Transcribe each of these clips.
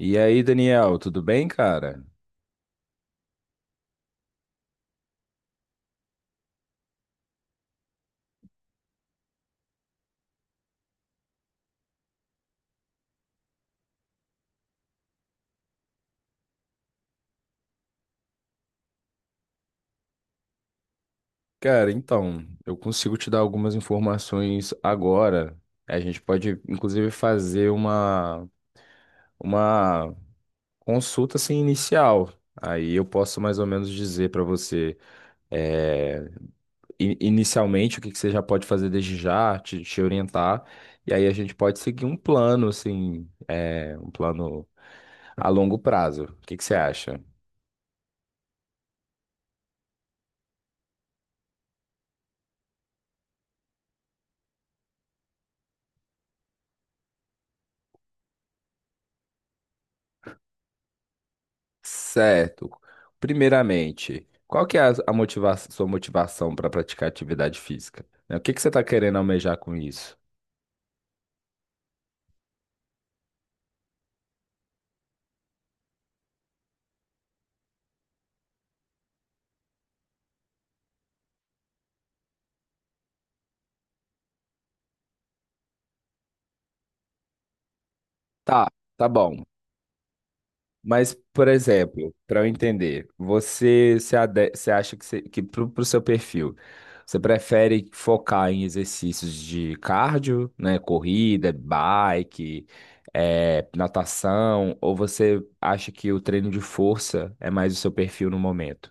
E aí, Daniel, tudo bem, cara? Cara, então, eu consigo te dar algumas informações agora. A gente pode, inclusive, fazer uma consulta assim, inicial. Aí eu posso mais ou menos dizer para você, é, inicialmente, o que que você já pode fazer desde já, te orientar. E aí a gente pode seguir um plano, assim, um plano a longo prazo. O que que você acha? Certo. Primeiramente, qual que é a sua motivação para praticar atividade física, né? O que que você está querendo almejar com isso? Tá, tá bom. Mas, por exemplo, para eu entender, você se, ade- você acha que, que pro seu perfil, você prefere focar em exercícios de cardio, né? Corrida, bike, natação, ou você acha que o treino de força é mais o seu perfil no momento?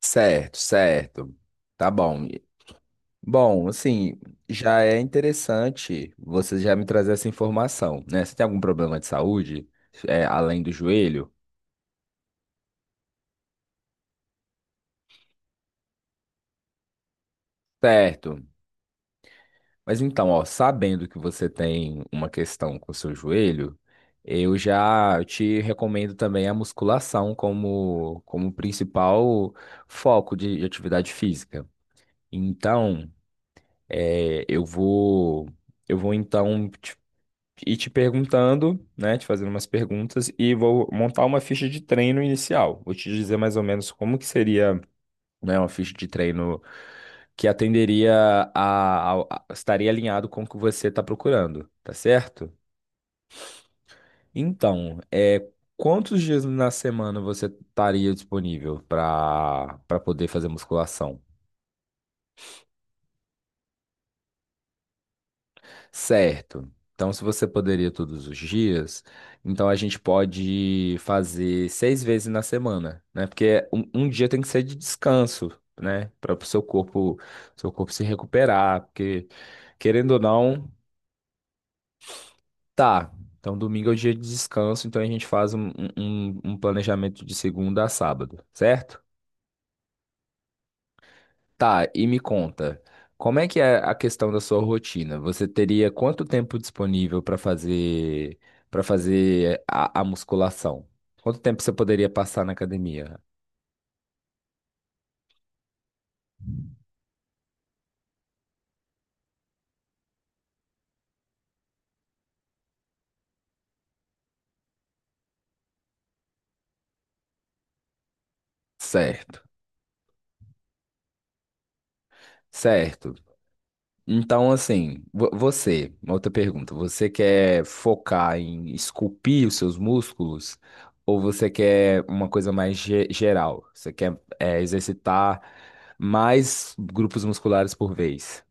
Certo, certo. Tá bom. Bom, assim, já é interessante você já me trazer essa informação, né? Você tem algum problema de saúde, além do joelho? Certo. Mas então, ó, sabendo que você tem uma questão com o seu joelho, eu já te recomendo também a musculação como principal foco de atividade física. Então, é, eu vou, eu vou então e te perguntando, né, te fazendo umas perguntas e vou montar uma ficha de treino inicial. Vou te dizer mais ou menos como que seria, né, uma ficha de treino que atenderia estaria alinhado com o que você está procurando, tá certo? Então, quantos dias na semana você estaria disponível para poder fazer musculação? Certo. Então, se você poderia todos os dias, então a gente pode fazer seis vezes na semana, né? Porque um dia tem que ser de descanso, né? Para o seu corpo se recuperar, porque querendo ou não, tá. Então, domingo é o dia de descanso, então a gente faz um planejamento de segunda a sábado, certo? Tá, e me conta, como é que é a questão da sua rotina? Você teria quanto tempo disponível para fazer a musculação? Quanto tempo você poderia passar na academia? Certo, certo. Então, assim, você, uma outra pergunta, você quer focar em esculpir os seus músculos ou você quer uma coisa mais geral? Você quer exercitar mais grupos musculares por vez?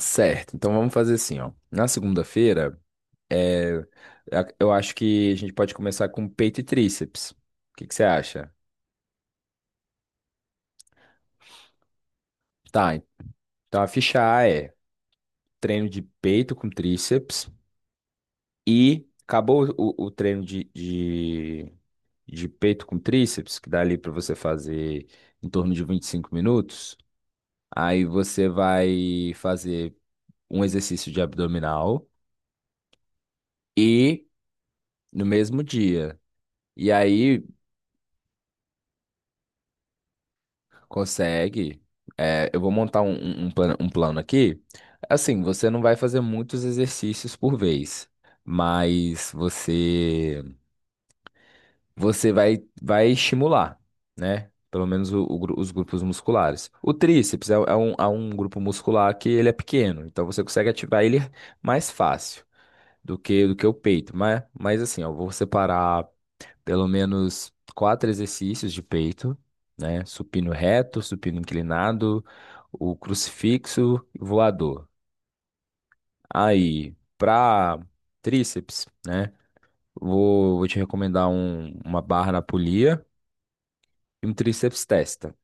Certo, então vamos fazer assim, ó. Na segunda-feira, é, eu acho que a gente pode começar com peito e tríceps. O que que você acha? Tá, então a ficha A é treino de peito com tríceps e acabou o treino de peito com tríceps, que dá ali para você fazer em torno de 25 minutos. Aí você vai fazer um exercício de abdominal e no mesmo dia. E aí Consegue. É, eu vou montar um plano aqui. Assim, você não vai fazer muitos exercícios por vez, mas você vai estimular, né? Pelo menos os grupos musculares. O tríceps é um grupo muscular que ele é pequeno, então você consegue ativar ele mais fácil do que o peito. Mas assim, ó, eu vou separar pelo menos quatro exercícios de peito, né? Supino reto, supino inclinado, o crucifixo e voador. Aí, para tríceps, né? Vou te recomendar uma barra na polia e um tríceps testa.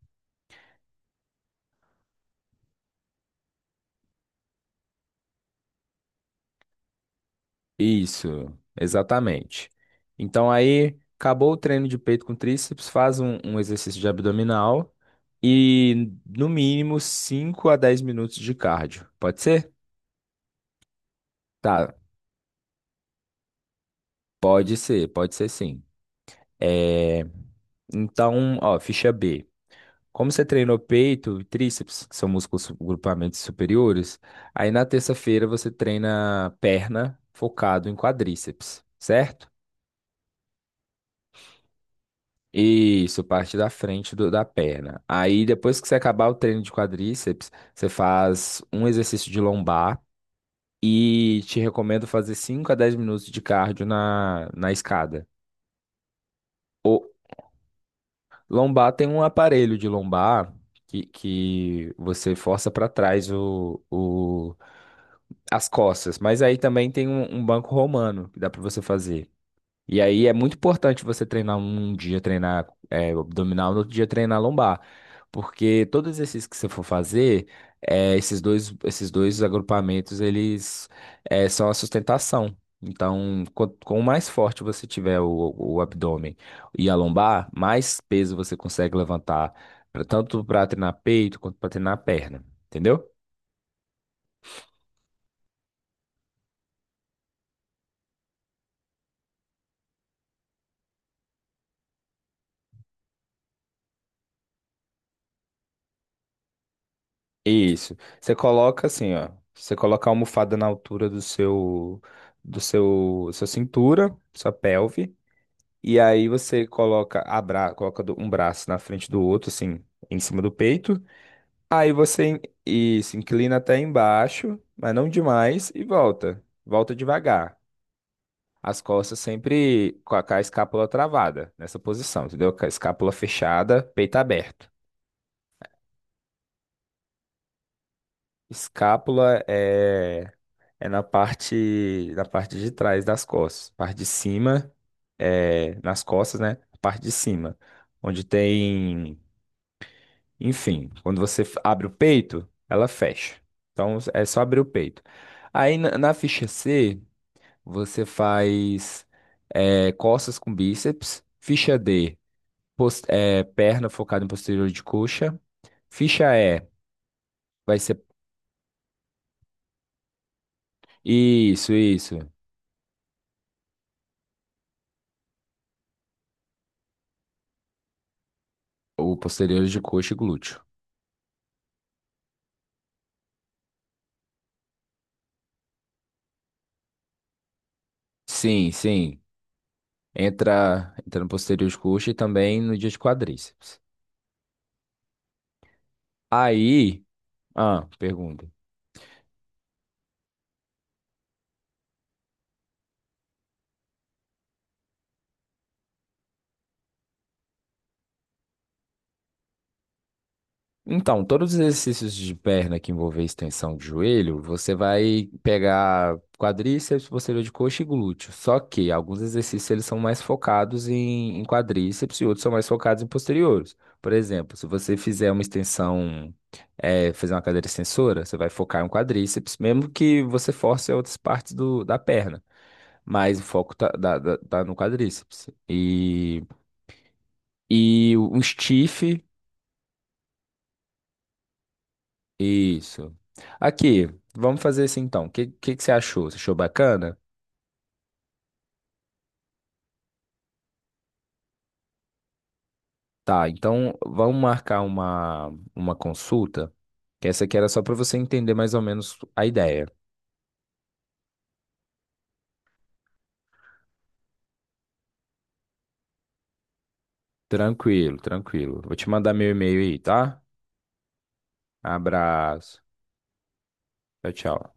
Isso, exatamente. Então aí, acabou o treino de peito com tríceps, faz um exercício de abdominal e no mínimo 5 a 10 minutos de cardio. Pode ser? Tá, pode ser, pode ser sim. É, então, ó, ficha B. Como você treinou peito e tríceps, que são músculos grupamentos superiores, aí na terça-feira você treina perna focado em quadríceps, certo? Isso, parte da frente da perna. Aí depois que você acabar o treino de quadríceps, você faz um exercício de lombar e te recomendo fazer 5 a 10 minutos de cardio na escada. Lombar tem um aparelho de lombar que você força para trás as costas. Mas aí também tem um banco romano que dá para você fazer. E aí é muito importante você treinar um dia, treinar abdominal, no outro dia treinar lombar. Porque todo exercício que você for fazer, esses dois agrupamentos, eles são a sustentação. Então, quanto com mais forte você tiver o abdômen e a lombar, mais peso você consegue levantar, tanto para treinar peito quanto para treinar perna. Entendeu? Isso. Você coloca assim, ó. Você coloca a almofada na altura sua cintura, sua pelve, e aí você coloca a bra, coloca do- um braço na frente do outro, assim, em cima do peito. Aí você isso, inclina até embaixo, mas não demais, e volta. Volta devagar. As costas sempre com a escápula travada nessa posição, entendeu? Com a escápula fechada, peito aberto. Escápula é na parte de trás das costas. Parte de cima, nas costas, né? A parte de cima, onde tem, enfim, quando você abre o peito, ela fecha. Então é só abrir o peito. Aí na ficha C, você faz costas com bíceps. Ficha D, perna focada em posterior de coxa. Ficha E, vai ser. Isso, isso. O posterior de coxa e glúteo. Sim, sim. Entra, entra no posterior de coxa e também no dia de quadríceps. Aí, ah, pergunta. Então, todos os exercícios de perna que envolver extensão de joelho, você vai pegar quadríceps, posterior de coxa e glúteo. Só que alguns exercícios eles são mais focados em quadríceps e outros são mais focados em posteriores. Por exemplo, se você fizer uma extensão, fazer uma cadeira extensora, você vai focar em um quadríceps, mesmo que você force outras partes da perna. Mas o foco tá no quadríceps. E um stiff. Isso. Aqui, vamos fazer assim então. O que que você achou? Você achou bacana? Tá, então vamos marcar uma consulta. Que essa aqui era só para você entender mais ou menos a ideia. Tranquilo, tranquilo. Vou te mandar meu e-mail aí, tá? Abraço. Tchau, tchau.